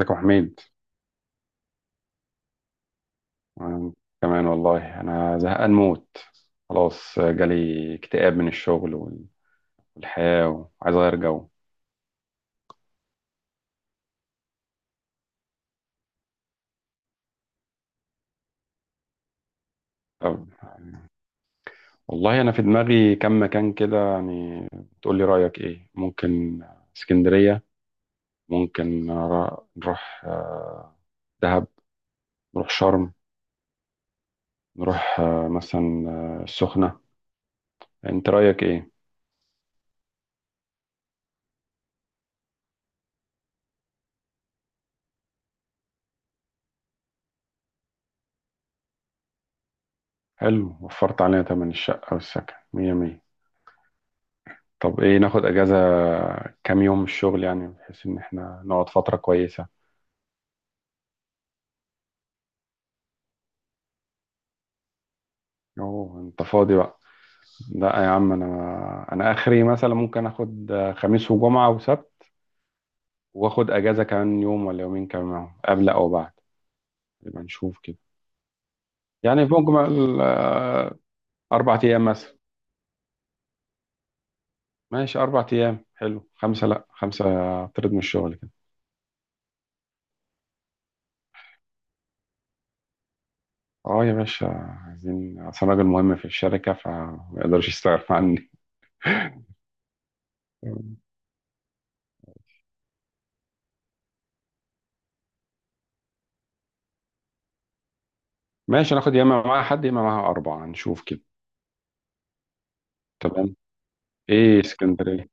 ازيك يا حميد؟ أنا كمان، والله انا زهقان موت. خلاص جالي اكتئاب من الشغل والحياة، وعايز اغير جو. طب والله انا في دماغي كم مكان كده، يعني تقول لي رأيك ايه. ممكن اسكندرية، ممكن نروح دهب، نروح شرم، نروح مثلا السخنة. انت رأيك ايه؟ حلو، وفرت علينا تمن الشقة والسكن. مية مية. طب ايه، ناخد اجازة كام يوم من الشغل، يعني بحيث ان احنا نقعد فترة كويسة. اوه، انت فاضي بقى. لا يا عم، انا اخري مثلا ممكن اخد خميس وجمعة وسبت، واخد اجازة كمان يوم ولا يومين كمان معاهم، قبل او بعد. يبقى نشوف كده. يعني في مجمل اربع ايام مثلا. ماشي اربع ايام حلو، خمسة لا، خمسة اطرد من الشغل كده. اه يا باشا، عايزين. اصل أنا راجل مهم في الشركة فما يقدرش يستغنى عني. ماشي، ناخد يا اما معاها حد يا اما معاها اربعه، نشوف كده. تمام. ايه اسكندريه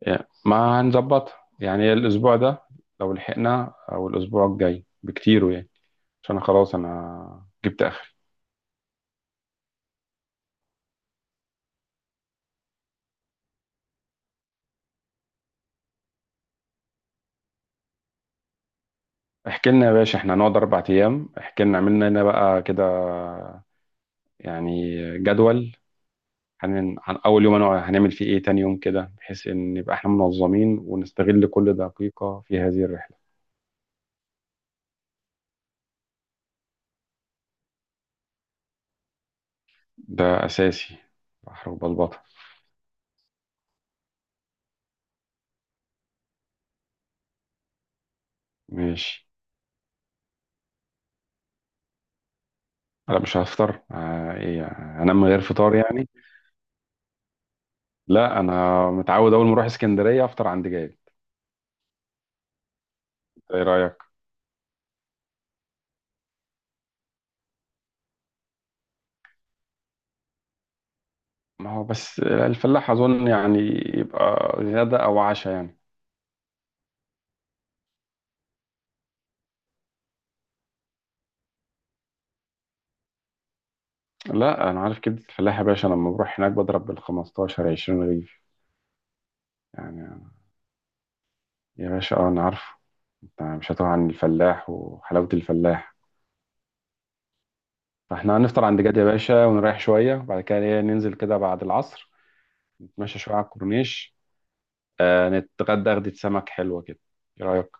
يعني، ما هنظبطها يعني الاسبوع ده لو لحقنا، او الاسبوع الجاي بكتير يعني، عشان أنا خلاص انا جبت اخري. احكي لنا يا باشا، احنا هنقعد اربع ايام، احكي لنا، عملنا لنا بقى كده يعني جدول. عن اول يوم هنعمل فيه ايه، تاني يوم كده، بحيث ان نبقى احنا منظمين ونستغل كل دقيقه في هذه الرحله. ده اساسي، بحر وبلبطه. ماشي. لا مش هفطر ايه، انام من غير فطار يعني؟ لا انا متعود اول ما اروح اسكندريه افطر عند جاي. ايه رايك؟ ما هو بس الفلاح اظن يعني يبقى غدا او عشاء يعني. لا انا عارف كبده الفلاح يا باشا، لما بروح هناك بضرب بال 15 20 رغيف يعني. يا باشا اه انا عارف، انت مش هتوه عن الفلاح وحلاوه الفلاح. فاحنا هنفطر عند جاد يا باشا، ونريح شويه، وبعد كده ننزل كده بعد العصر. نتمشى شويه على الكورنيش، نتغدى غدة سمك حلوه كده. ايه رايك؟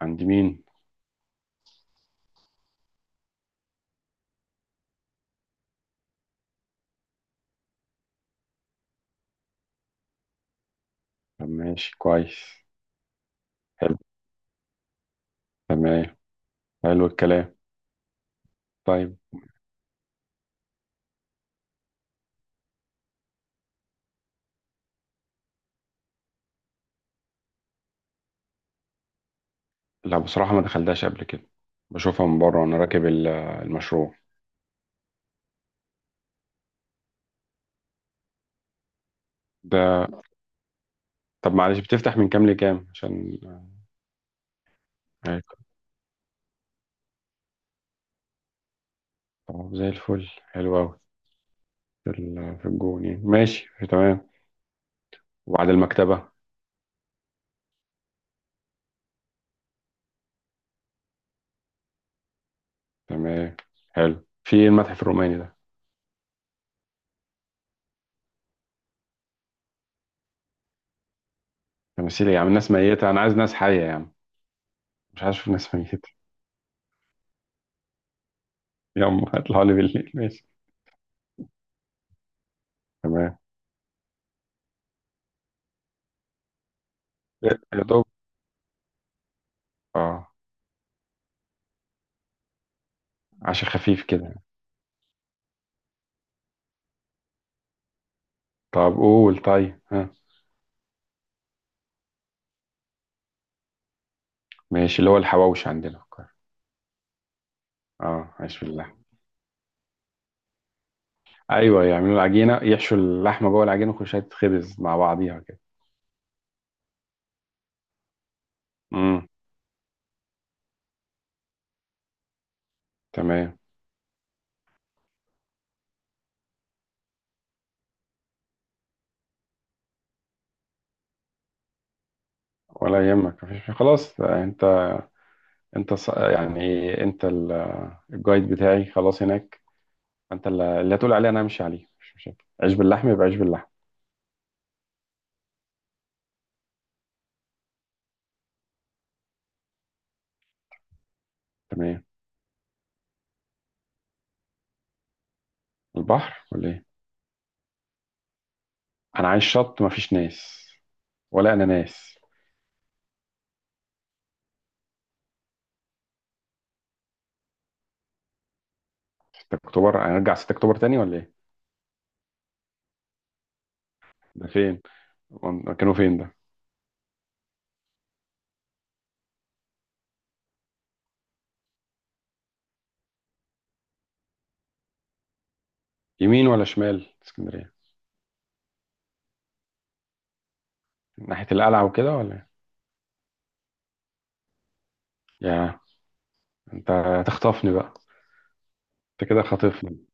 عند مين؟ طب ماشي، كويس. حلو. تمام. حلو الكلام. طيب. لا بصراحة ما دخلتهاش قبل كده، بشوفها من بره وانا راكب المشروع ده. طب معلش، بتفتح من كام لكام عشان آه، طب زي الفل، حلو أوي. في في الجون يعني، ماشي تمام. وبعد المكتبة. تمام، حلو. في إيه المتحف الروماني ده؟ تماثيل إيه يا عم، الناس ميتة، أنا عايز ناس حية يا عم، مش عايز أشوف ناس ميتة. يلا اطلعوا لي بالليل، ماشي. تمام. يا دوب. اه، عشاء خفيف كده. طب قول. طيب، ها. ماشي، اللي هو الحواوش عندنا في القاهرة. اه، عيش باللحمة. ايوه، يعملوا العجينة، يحشوا اللحمة جوه العجينة وخشها تتخبز مع بعضيها كده. امم. تمام. ولا يهمك، مفيش خلاص انت يعني ايه، انت الجايد بتاعي خلاص هناك. انت اللي هتقول عليه انا همشي عليه، مش مشاكل. عيش باللحمة يبقى عيش باللحمة. تمام. البحر ولا ايه؟ انا عايز شط مفيش ناس، ولا انا ناس. 6 اكتوبر هنرجع 6 اكتوبر تاني ولا ايه؟ ده فين؟ كانوا فين ده؟ يمين ولا شمال اسكندرية؟ ناحية القلعة وكده ولا؟ يا انت هتخطفني بقى. انت كده خاطفني.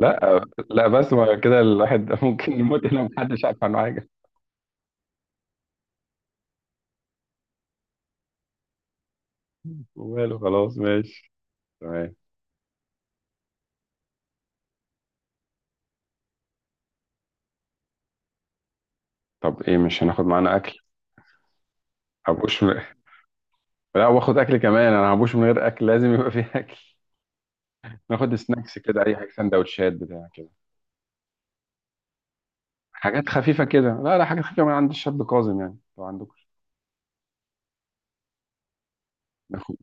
لا لا، بس ما كده الواحد ممكن يموت لو محدش عارف عنه حاجه. وماله، خلاص ماشي. تمام. طب ايه، مش هناخد معانا اكل؟ هبوش من... لا، واخد اكل كمان، انا هبوش من غير اكل؟ لازم يبقى فيه اكل. ناخد سناكس كده، اي حاجه سندوتشات بتاع كده. حاجات خفيفه كده، لا لا، حاجات خفيفه من عند الشاب كاظم يعني لو عندكم. ناخد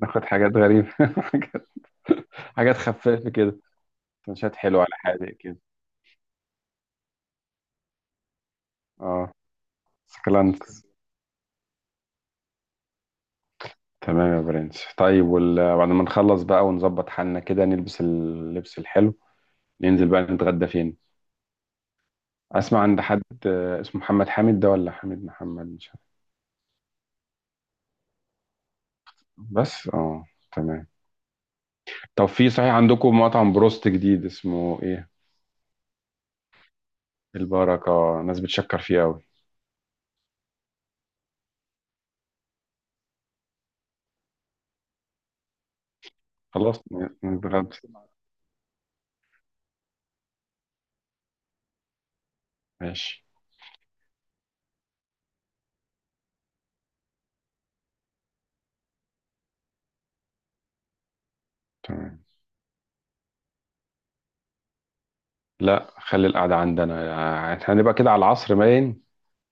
ناخد حاجات غريبه حاجات حاجات خفيفه كده. سندوتشات حلوه على حاجه كده. اه، سكلانكس. تمام يا برنس. طيب بعد ما نخلص بقى ونظبط حالنا كده، نلبس اللبس الحلو، ننزل بقى، نتغدى فين؟ اسمع، عند حد اسمه محمد حامد ده ولا حامد محمد، مش عارف. بس اه. تمام. طب في صحيح عندكم مطعم بروست جديد اسمه ايه؟ البركة، ناس بتشكر فيه قوي. خلاص نتغدى. ماشي. تمام. لا، خلي القعدة عندنا يعني، احنا هنبقى كده على العصر باين.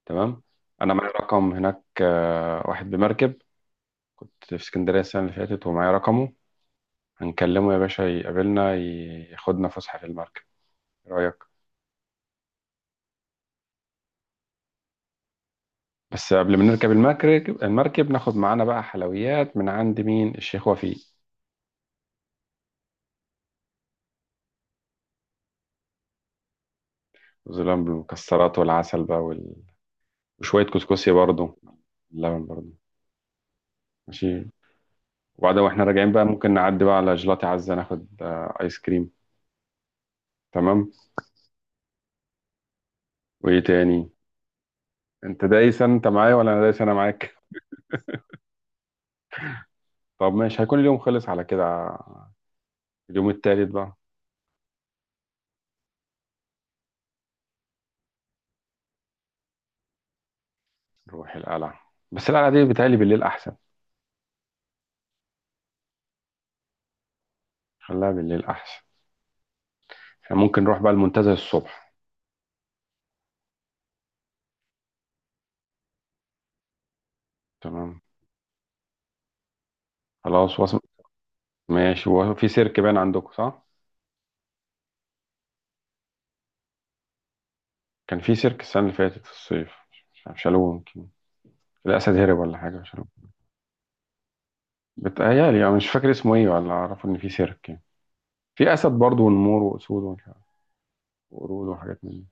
تمام. انا معايا رقم هناك واحد بمركب. كنت في اسكندرية السنة اللي فاتت ومعايا رقمه. هنكلمه يا باشا يقابلنا، ياخدنا فسحة في المركب. إيه رأيك؟ بس قبل ما نركب المركب، ناخد معانا بقى حلويات من عند مين؟ الشيخ وفيق. ظلام بالمكسرات والعسل بقى وشوية كسكسي برضو، اللبن برضو. ماشي. وبعدين واحنا راجعين بقى، ممكن نعدي بقى على جيلاتي عزة، ناخد آيس كريم. تمام. وإيه تاني؟ أنت دايس أنت معايا، ولا أنا دايس أنا معاك؟ طب ماشي، هيكون اليوم خلص على كده. اليوم التالت بقى. نروح القلعة، بس القلعة دي بتهيألي بالليل أحسن. خليها بالليل أحسن. إحنا ممكن نروح بقى المنتزه الصبح. تمام، خلاص وصل. ماشي، هو في سيرك باين عندكم صح؟ كان في سيرك السنة اللي فاتت في الصيف، مش عارف شالوه، يمكن الأسد هرب ولا حاجة مش عارف. بتهيألي أنا مش فاكر اسمه إيه، ولا أعرف إن في سيرك يعني. في أسد برضه ونمور وأسود ومش عارف، وقرود وحاجات من دي.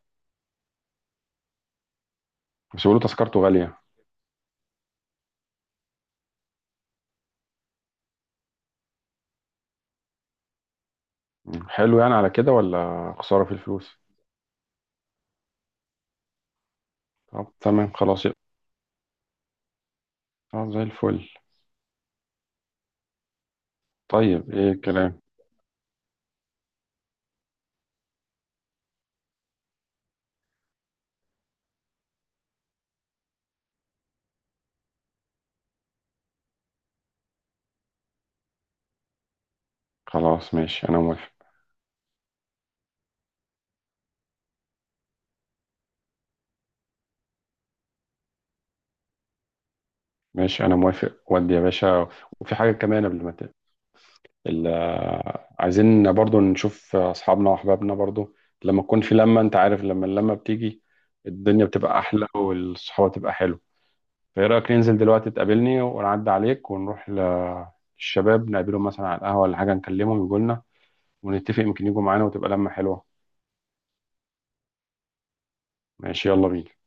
بس بيقولوا تذكرته غالية. مم. حلو يعني على كده ولا خسارة في الفلوس؟ طب تمام، خلاص يبقى. طب زي الفل. طيب إيه الكلام؟ خلاص ماشي، أنا موافق. ماشي، أنا موافق ودي يا باشا. وفي حاجة كمان قبل ما ال- عايزين برضو نشوف أصحابنا وأحبابنا برضو. لما تكون في لمة، أنت عارف لما اللمة بتيجي الدنيا بتبقى أحلى، والصحوة تبقى حلو. فإيه رأيك ننزل دلوقتي، تقابلني ونعدي عليك ونروح للشباب نقابلهم مثلا على القهوة، ولا حاجة نكلمهم يجوا لنا، ونتفق يمكن يجوا معانا وتبقى لمة حلوة. ماشي، يلا بينا.